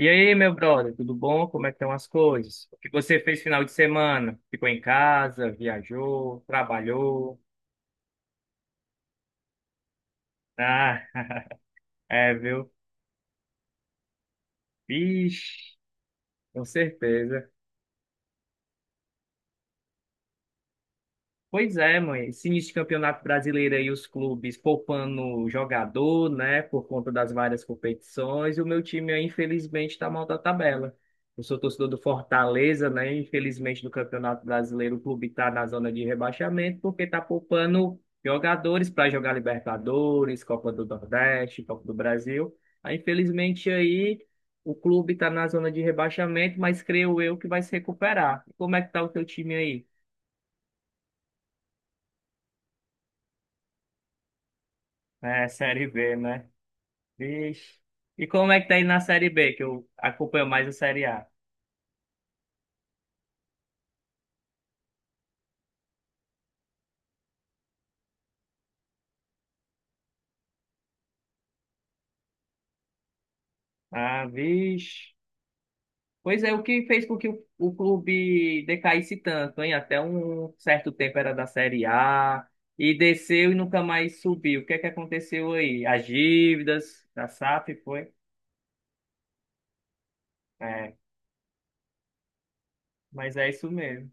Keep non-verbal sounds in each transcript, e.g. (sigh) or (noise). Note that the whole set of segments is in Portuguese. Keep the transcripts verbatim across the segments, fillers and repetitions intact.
E aí, meu brother, tudo bom? Como é que estão as coisas? O que você fez final de semana? Ficou em casa, viajou, trabalhou? Ah, (laughs) é, viu? Vixe, com certeza. Pois é, mãe. Esse início de campeonato brasileiro aí, os clubes poupando jogador, né, por conta das várias competições, e o meu time aí, infelizmente, está mal da tabela. Eu sou torcedor do Fortaleza, né? Infelizmente, no Campeonato Brasileiro, o clube está na zona de rebaixamento porque está poupando jogadores para jogar Libertadores, Copa do Nordeste, Copa do Brasil. Aí, infelizmente, aí o clube está na zona de rebaixamento, mas creio eu que vai se recuperar. E como é que tá o teu time aí? É, Série B, né? Vixe. E como é que tá aí na Série B, que eu acompanho mais a Série A? Ah, vixe. Pois é, o que fez com que o, o clube decaísse tanto, hein? Até um certo tempo era da Série A e desceu e nunca mais subiu. O que é que aconteceu aí? As dívidas da SAF, foi? É, mas é isso mesmo.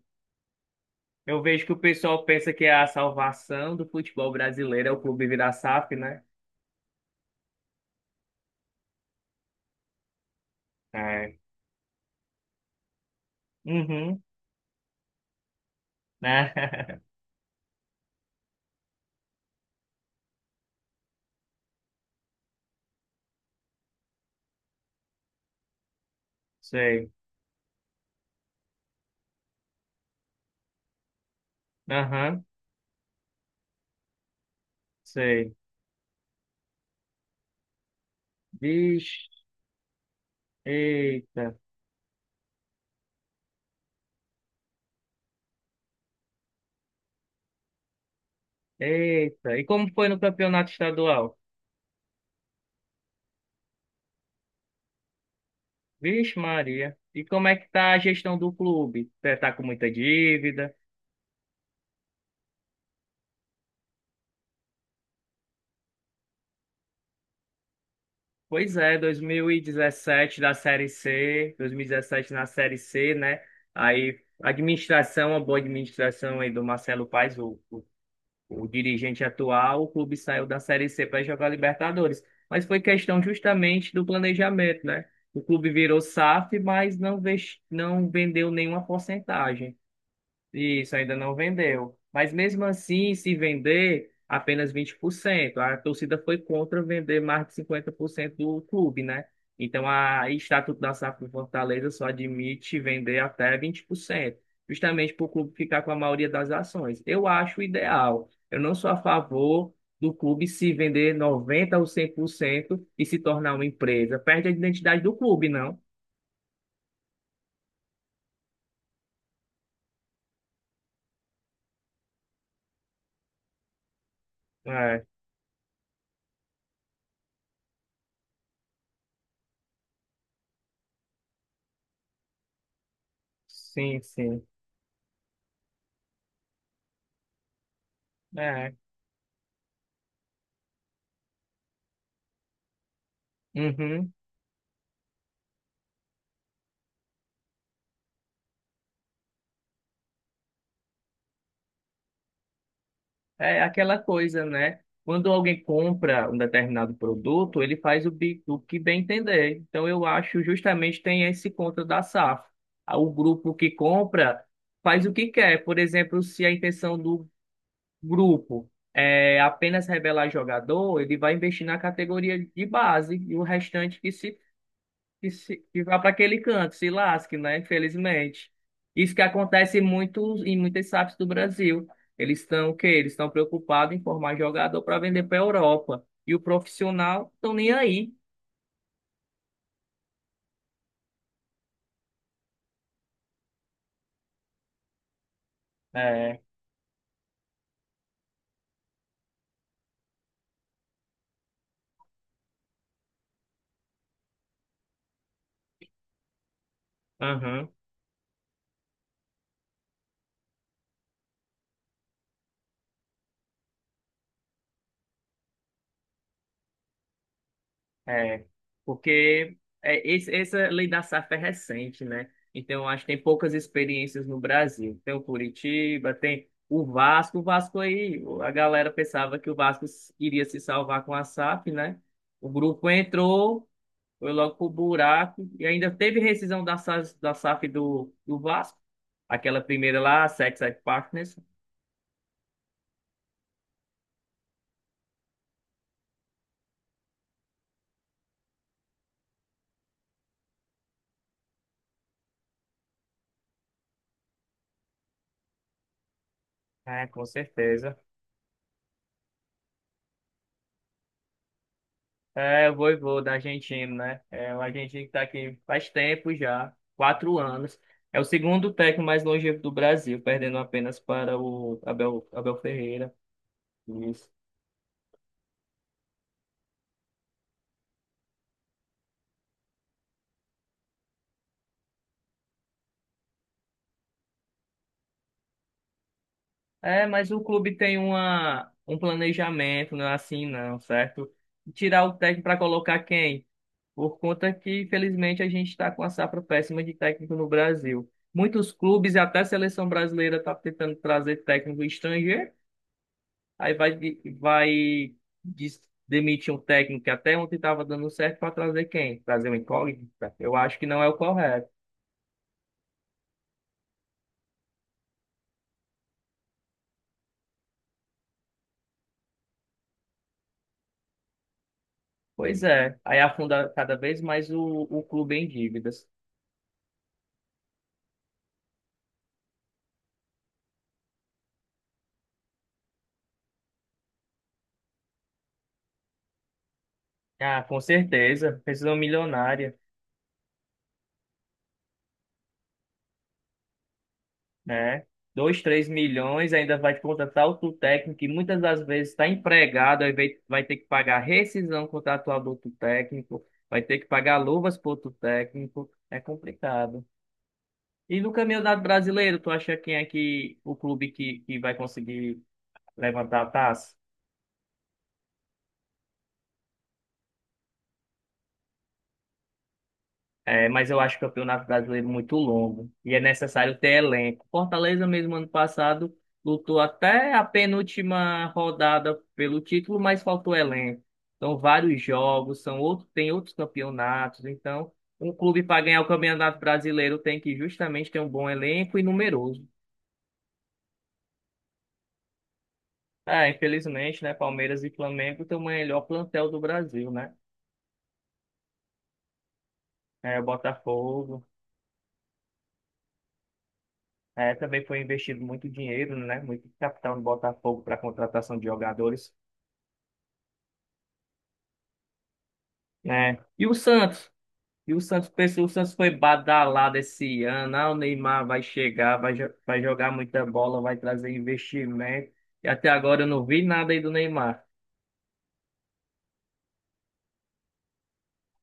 Eu vejo que o pessoal pensa que é a salvação do futebol brasileiro é o clube virar SAF, né? É. Uhum. Né? (laughs) Sei. Aham. Sei. Vixe, eita, eita. E como foi no campeonato estadual? Vixe, Maria. E como é que tá a gestão do clube? Tá tá com muita dívida? Pois é, dois mil e dezessete da Série C, dois mil e dezessete na Série C, né? Aí, administração, a boa administração aí do Marcelo Paes, o, o O dirigente atual, o clube saiu da Série C para jogar Libertadores. Mas foi questão justamente do planejamento, né? O clube virou SAF, mas não, ves- não vendeu nenhuma porcentagem. Isso ainda não vendeu. Mas mesmo assim, se vender apenas vinte por cento, a torcida foi contra vender mais de cinquenta por cento do clube, né? Então, a o Estatuto da SAF do Fortaleza só admite vender até vinte por cento, justamente para o clube ficar com a maioria das ações. Eu acho ideal. Eu não sou a favor do clube se vender noventa por cento ou cem por cento e se tornar uma empresa. Perde a identidade do clube, não? É, sim, sim. É. Uhum. É aquela coisa, né? Quando alguém compra um determinado produto, ele faz o, bi- o que bem entender. Então, eu acho justamente tem esse contra da SAF. Ah, o grupo que compra faz o que quer. Por exemplo, se a intenção do grupo é apenas revelar jogador, ele vai investir na categoria de base e o restante que se que, se- que vá para aquele canto, se lasque, né? Infelizmente. Isso que acontece em muitos, em muitas SAFs do Brasil. Eles estão o quê? Eles estão preocupados em formar jogador para vender para a Europa. E o profissional estão nem aí. É. Aham. É, porque é, esse- essa lei da safra é recente, né? Então, acho que tem poucas experiências no Brasil. Tem o Curitiba, tem o Vasco. O Vasco aí, a galera pensava que o Vasco iria se salvar com a SAF, né? O grupo entrou, foi logo pro buraco e ainda teve rescisão da, sa- da SAF do, do Vasco. Aquela primeira lá, a Sex Partners. É, com certeza. É, o vovô da Argentina, né? É, o argentino que tá aqui faz tempo já, quatro anos. É o segundo técnico mais longevo do Brasil, perdendo apenas para o Abel, Abel Ferreira. Isso. É, mas o clube tem uma, um planejamento, não é assim não, certo? Tirar o técnico para colocar quem? Por conta que, infelizmente, a gente está com a safra péssima de técnico no Brasil. Muitos clubes, e até a seleção brasileira, está tentando trazer técnico estrangeiro. Aí vai, de- vai des- demitir um técnico que até ontem estava dando certo para trazer quem? Trazer um incógnito? Eu acho que não é o correto. Pois é. Aí afunda cada vez mais o, o clube em dívidas. Ah, com certeza. Precisa de uma milionária, né? Dois, três milhões, ainda vai contratar outro técnico que muitas das vezes está empregado, aí vai vai ter que pagar rescisão contratual do outro técnico, vai ter que pagar luvas para outro técnico. É complicado. E no Campeonato Brasileiro, tu acha quem é que o clube que, que vai conseguir levantar a taça? É, mas eu acho o Campeonato Brasileiro muito longo e é necessário ter elenco. Fortaleza, mesmo ano passado, lutou até a penúltima rodada pelo título, mas faltou elenco. São vários jogos, são outros, tem outros campeonatos. Então, um clube para ganhar o Campeonato Brasileiro tem que justamente ter um bom elenco e numeroso. Ah, infelizmente, né, Palmeiras e Flamengo têm o melhor plantel do Brasil, né? É, o Botafogo. É, também foi investido muito dinheiro, né? Muito capital no Botafogo para contratação de jogadores. É. E o Santos? E o Santos pensou, o Santos foi badalado esse ano. Ah, o Neymar vai chegar, vai, jo- vai jogar muita bola, vai trazer investimento. E até agora eu não vi nada aí do Neymar.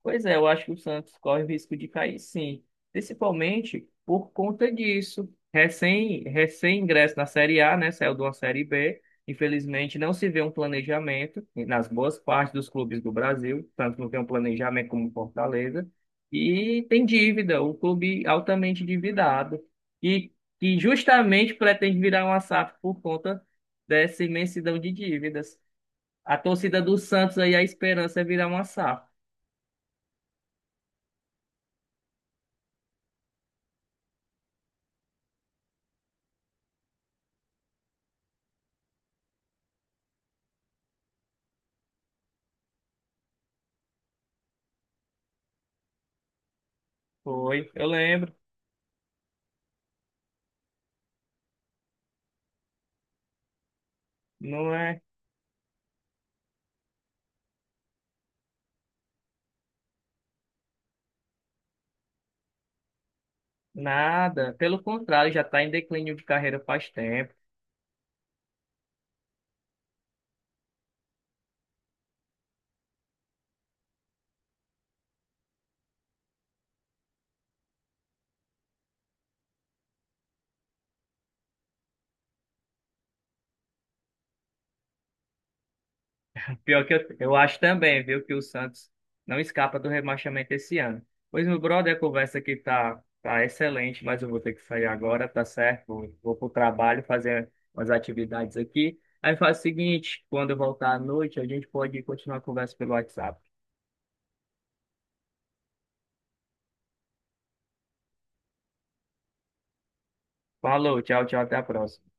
Pois é, eu acho que o Santos corre risco de cair, sim. Principalmente por conta disso. Recém, recém-ingresso na Série A, né? Saiu de uma Série B. Infelizmente, não se vê um planejamento nas boas partes dos clubes do Brasil. Tanto não tem um planejamento como o Fortaleza. E tem dívida, o clube altamente endividado. E, e justamente pretende virar uma SAF por conta dessa imensidão de dívidas. A torcida do Santos aí, a esperança é virar uma SAF. Foi, eu lembro. Não é nada. Pelo contrário, já está em declínio de carreira faz tempo. Pior que eu, eu acho também, viu, que o Santos não escapa do rebaixamento esse ano. Pois, meu brother, a conversa aqui tá, tá excelente, mas eu vou ter que sair agora, tá certo? Vou, vou pro trabalho fazer umas atividades aqui. Aí faz o seguinte, quando eu voltar à noite, a gente pode continuar a conversa pelo WhatsApp. Falou, tchau, tchau, até a próxima.